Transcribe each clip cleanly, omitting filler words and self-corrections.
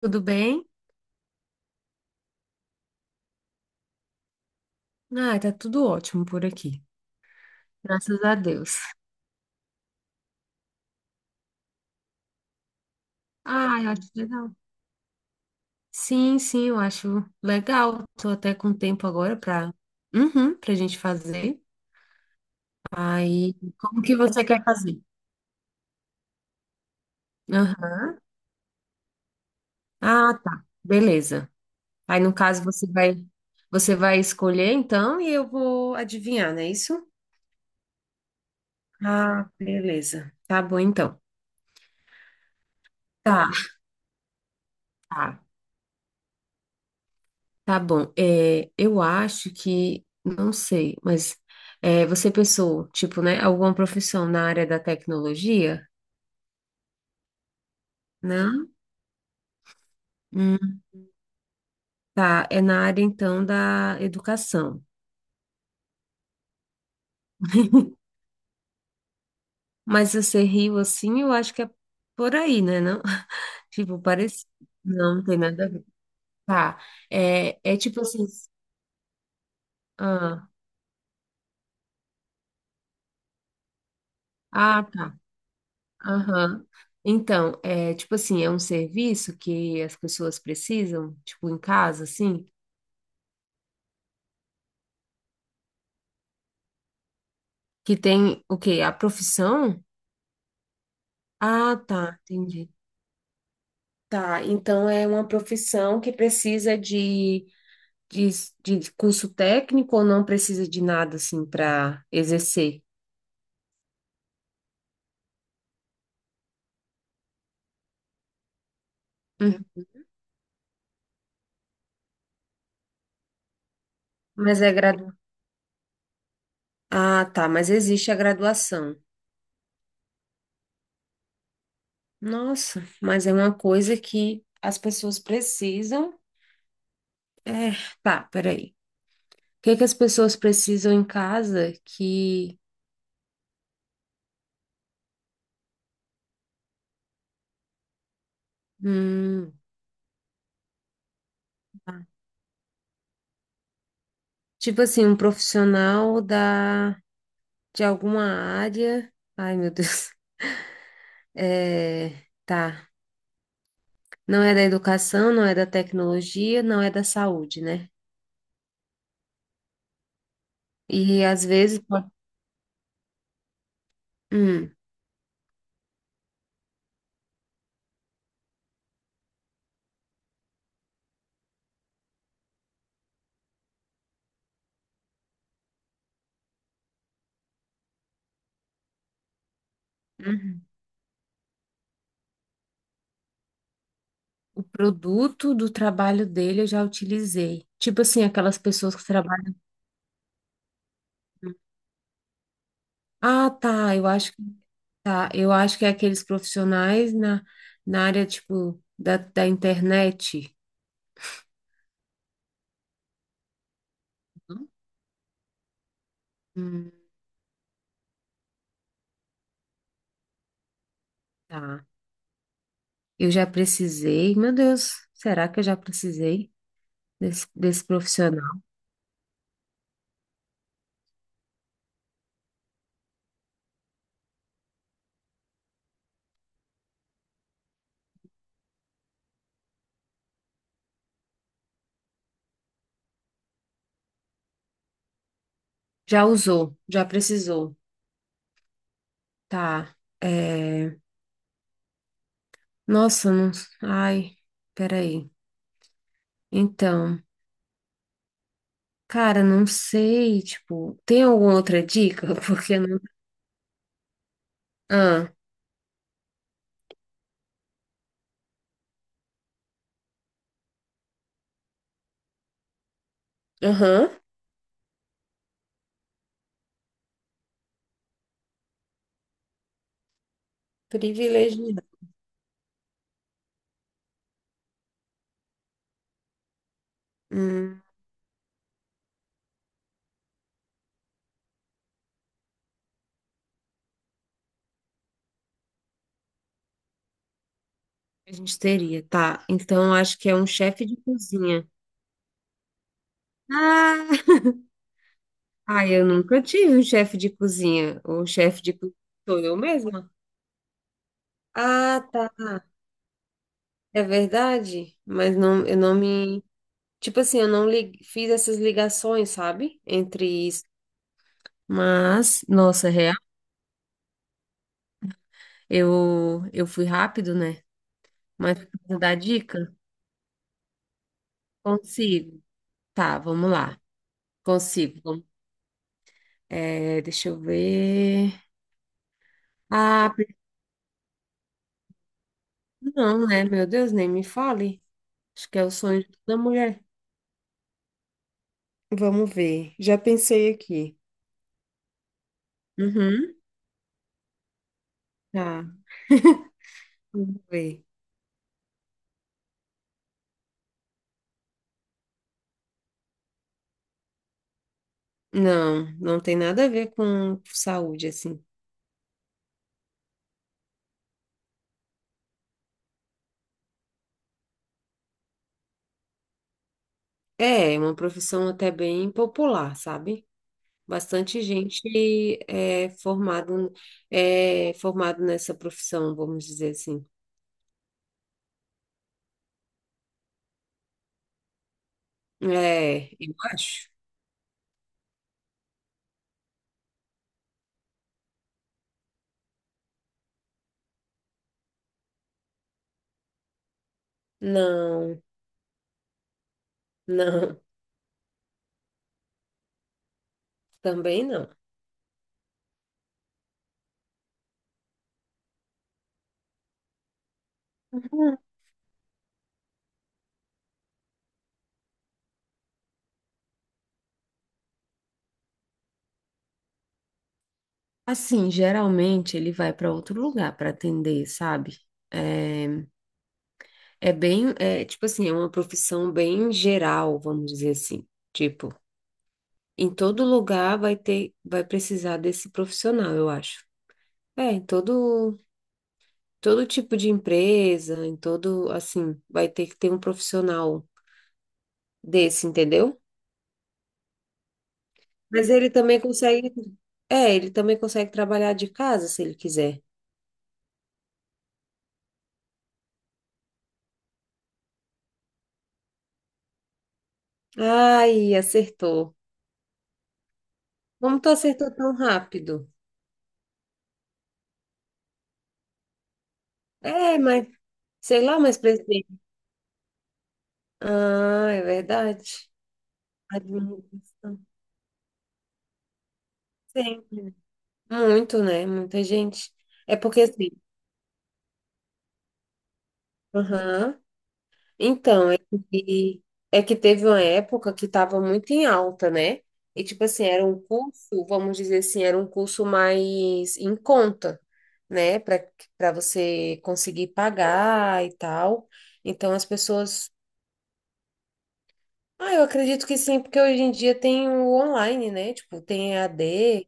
Tudo bem? Ah, tá tudo ótimo por aqui. Graças a Deus. Ah, eu acho legal. Sim, sim, eu acho legal. Tô até com tempo agora para uhum, para gente fazer. Aí, como que você quer fazer? Aham. Ah, tá. Beleza. Aí, no caso, você vai escolher então e eu vou adivinhar, não é isso? Ah, beleza. Tá bom então. Tá. Tá. Tá bom. É, eu acho que, não sei, mas é, você pensou, tipo, né, alguma profissão na área da tecnologia? Não? Hum, tá, é na área então da educação. Mas você riu assim, eu acho que é por aí, né, não? Tipo, parece. Não, não tem nada a ver. Tá, é, é tipo assim. Ah, ah, tá. Aham. Então, é tipo assim, é um serviço que as pessoas precisam, tipo, em casa, assim? Que tem o quê? A profissão? Ah, tá, entendi. Tá, então é uma profissão que precisa de, de curso técnico ou não precisa de nada assim para exercer? Uhum. Mas é gradu... Ah, tá, mas existe a graduação. Nossa, mas é uma coisa que as pessoas precisam. É, tá, peraí. O que é que as pessoas precisam em casa que. Hum, tá. Tipo assim, um profissional da. De alguma área. Ai, meu Deus. É, tá. Não é da educação, não é da tecnologia, não é da saúde, né? E às vezes pode. Hum, uhum. O produto do trabalho dele eu já utilizei. Tipo assim, aquelas pessoas que trabalham. Ah, tá. Eu acho que tá. Eu acho que é aqueles profissionais na, na área, tipo, da, da internet. Não? Hum, tá. Eu já precisei. Meu Deus, será que eu já precisei desse, desse profissional? Já usou, já precisou. Tá. É... Nossa, não. Ai, peraí. Então, cara, não sei. Tipo, tem alguma outra dica? Porque não. Ah, aham. Privilegiado. Hum, a gente teria, tá. Então, acho que é um chefe de cozinha. Ah, ai, eu nunca tive um chefe de cozinha. O chefe de cozinha sou eu mesma. Ah, tá. É verdade, mas não, eu não me tipo assim, eu não fiz essas ligações, sabe? Entre isso. Mas, nossa, real, eu fui rápido, né? Mas vou dar dica? Consigo. Tá, vamos lá. Consigo. Vamos- é, deixa eu ver. Ah, não, né? Meu Deus, nem me fale. Acho que é o sonho de toda mulher. Vamos ver. Já pensei aqui. Uhum. Tá, vamos ver. Não, não tem nada a ver com saúde, assim. É uma profissão até bem popular, sabe? Bastante gente é formado, é formado nessa profissão, vamos dizer assim. É, eu acho. Não, não, também não. Assim, geralmente ele vai para outro lugar para atender, sabe? É, é bem, é tipo assim, é uma profissão bem geral, vamos dizer assim. Tipo, em todo lugar vai ter, vai precisar desse profissional, eu acho. É, em todo. Todo tipo de empresa, em todo, assim, vai ter que ter um profissional desse, entendeu? Mas ele também consegue, é, ele também consegue trabalhar de casa se ele quiser. Ai, acertou. Como tu acertou tão rápido? É, mas sei lá, mas presidente. Ah, é verdade. Administração. Sim, muito, né? Muita gente. É porque assim, aham. Então, que, é que teve uma época que estava muito em alta, né? E, tipo assim, era um curso, vamos dizer assim, era um curso mais em conta, né? Para para você conseguir pagar e tal. Então, as pessoas. Ah, eu acredito que sim, porque hoje em dia tem o online, né? Tipo, tem EAD,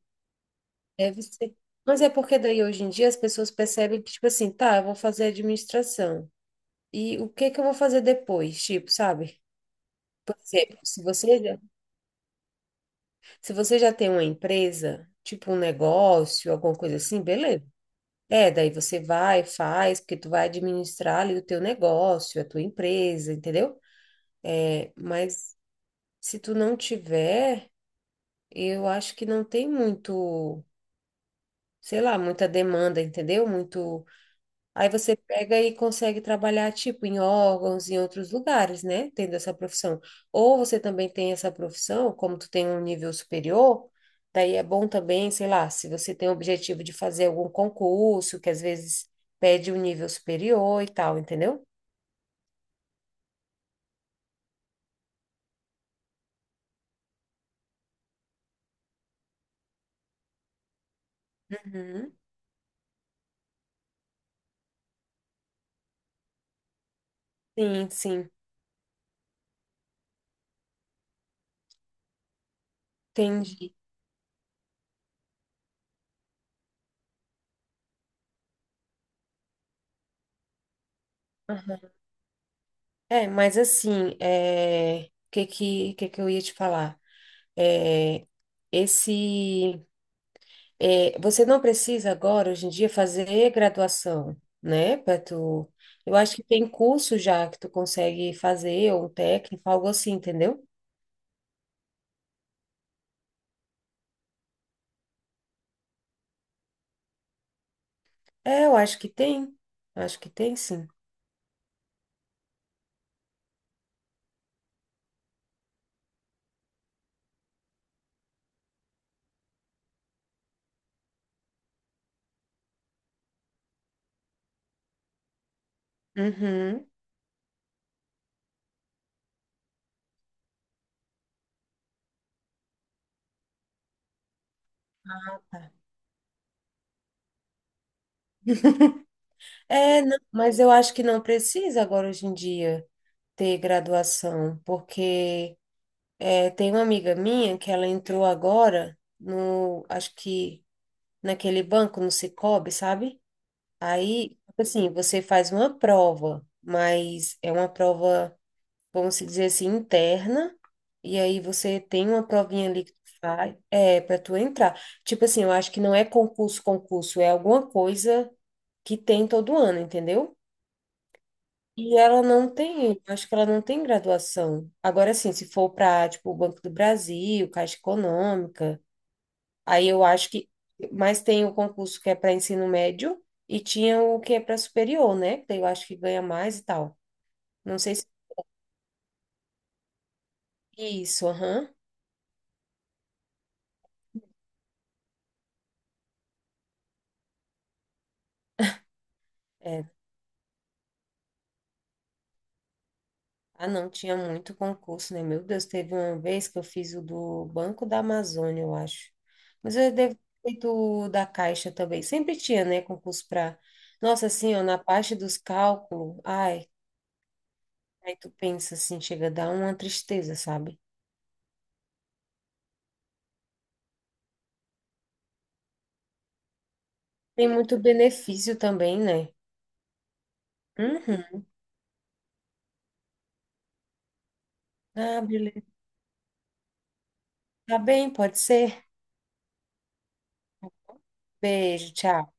deve ser. Mas é porque daí hoje em dia as pessoas percebem que, tipo assim, tá, eu vou fazer administração. E o que que eu vou fazer depois? Tipo, sabe? Por exemplo, se você já se você já tem uma empresa, tipo um negócio, alguma coisa assim, beleza. É, daí você vai, faz, porque tu vai administrar ali o teu negócio, a tua empresa, entendeu? É, mas se tu não tiver, eu acho que não tem muito, sei lá, muita demanda, entendeu? Muito aí você pega e consegue trabalhar, tipo, em órgãos, em outros lugares, né? Tendo essa profissão. Ou você também tem essa profissão, como tu tem um nível superior, daí é bom também, sei lá, se você tem o objetivo de fazer algum concurso, que às vezes pede um nível superior e tal, entendeu? Uhum. Sim, sim, entendi. Aham. É, mas assim, é... o que que eu ia te falar? É... Esse. É, você não precisa agora, hoje em dia, fazer graduação, né? Para tu... Eu acho que tem curso já que tu consegue fazer, ou um técnico, algo assim, entendeu? É, eu acho que tem. Acho que tem, sim. Uhum. Tá. É, não, mas eu acho que não precisa agora, hoje em dia, ter graduação, porque é, tem uma amiga minha que ela entrou agora no, acho que naquele banco, no Sicoob, sabe? Aí, tipo assim, você faz uma prova, mas é uma prova, vamos se dizer assim, interna, e aí você tem uma provinha ali que tu faz, é, para tu entrar. Tipo assim, eu acho que não é concurso, concurso, é alguma coisa que tem todo ano, entendeu? E ela não tem, eu acho que ela não tem graduação. Agora, assim, se for para, tipo, o Banco do Brasil, Caixa Econômica, aí eu acho que. Mas tem o concurso que é para ensino médio e tinha o que é para superior, né? Que daí eu acho que ganha mais e tal. Não sei se é isso, aham. É. Ah, não, tinha muito concurso, né? Meu Deus, teve uma vez que eu fiz o do Banco da Amazônia, eu acho. Mas eu devo ter feito o da Caixa também. Sempre tinha, né? Concurso para. Nossa, assim, ó, na parte dos cálculos, ai, aí tu pensa assim, chega a dar uma tristeza, sabe? Tem muito benefício também, né? Uhum. Ah, tá bem, pode ser? Beijo, tchau.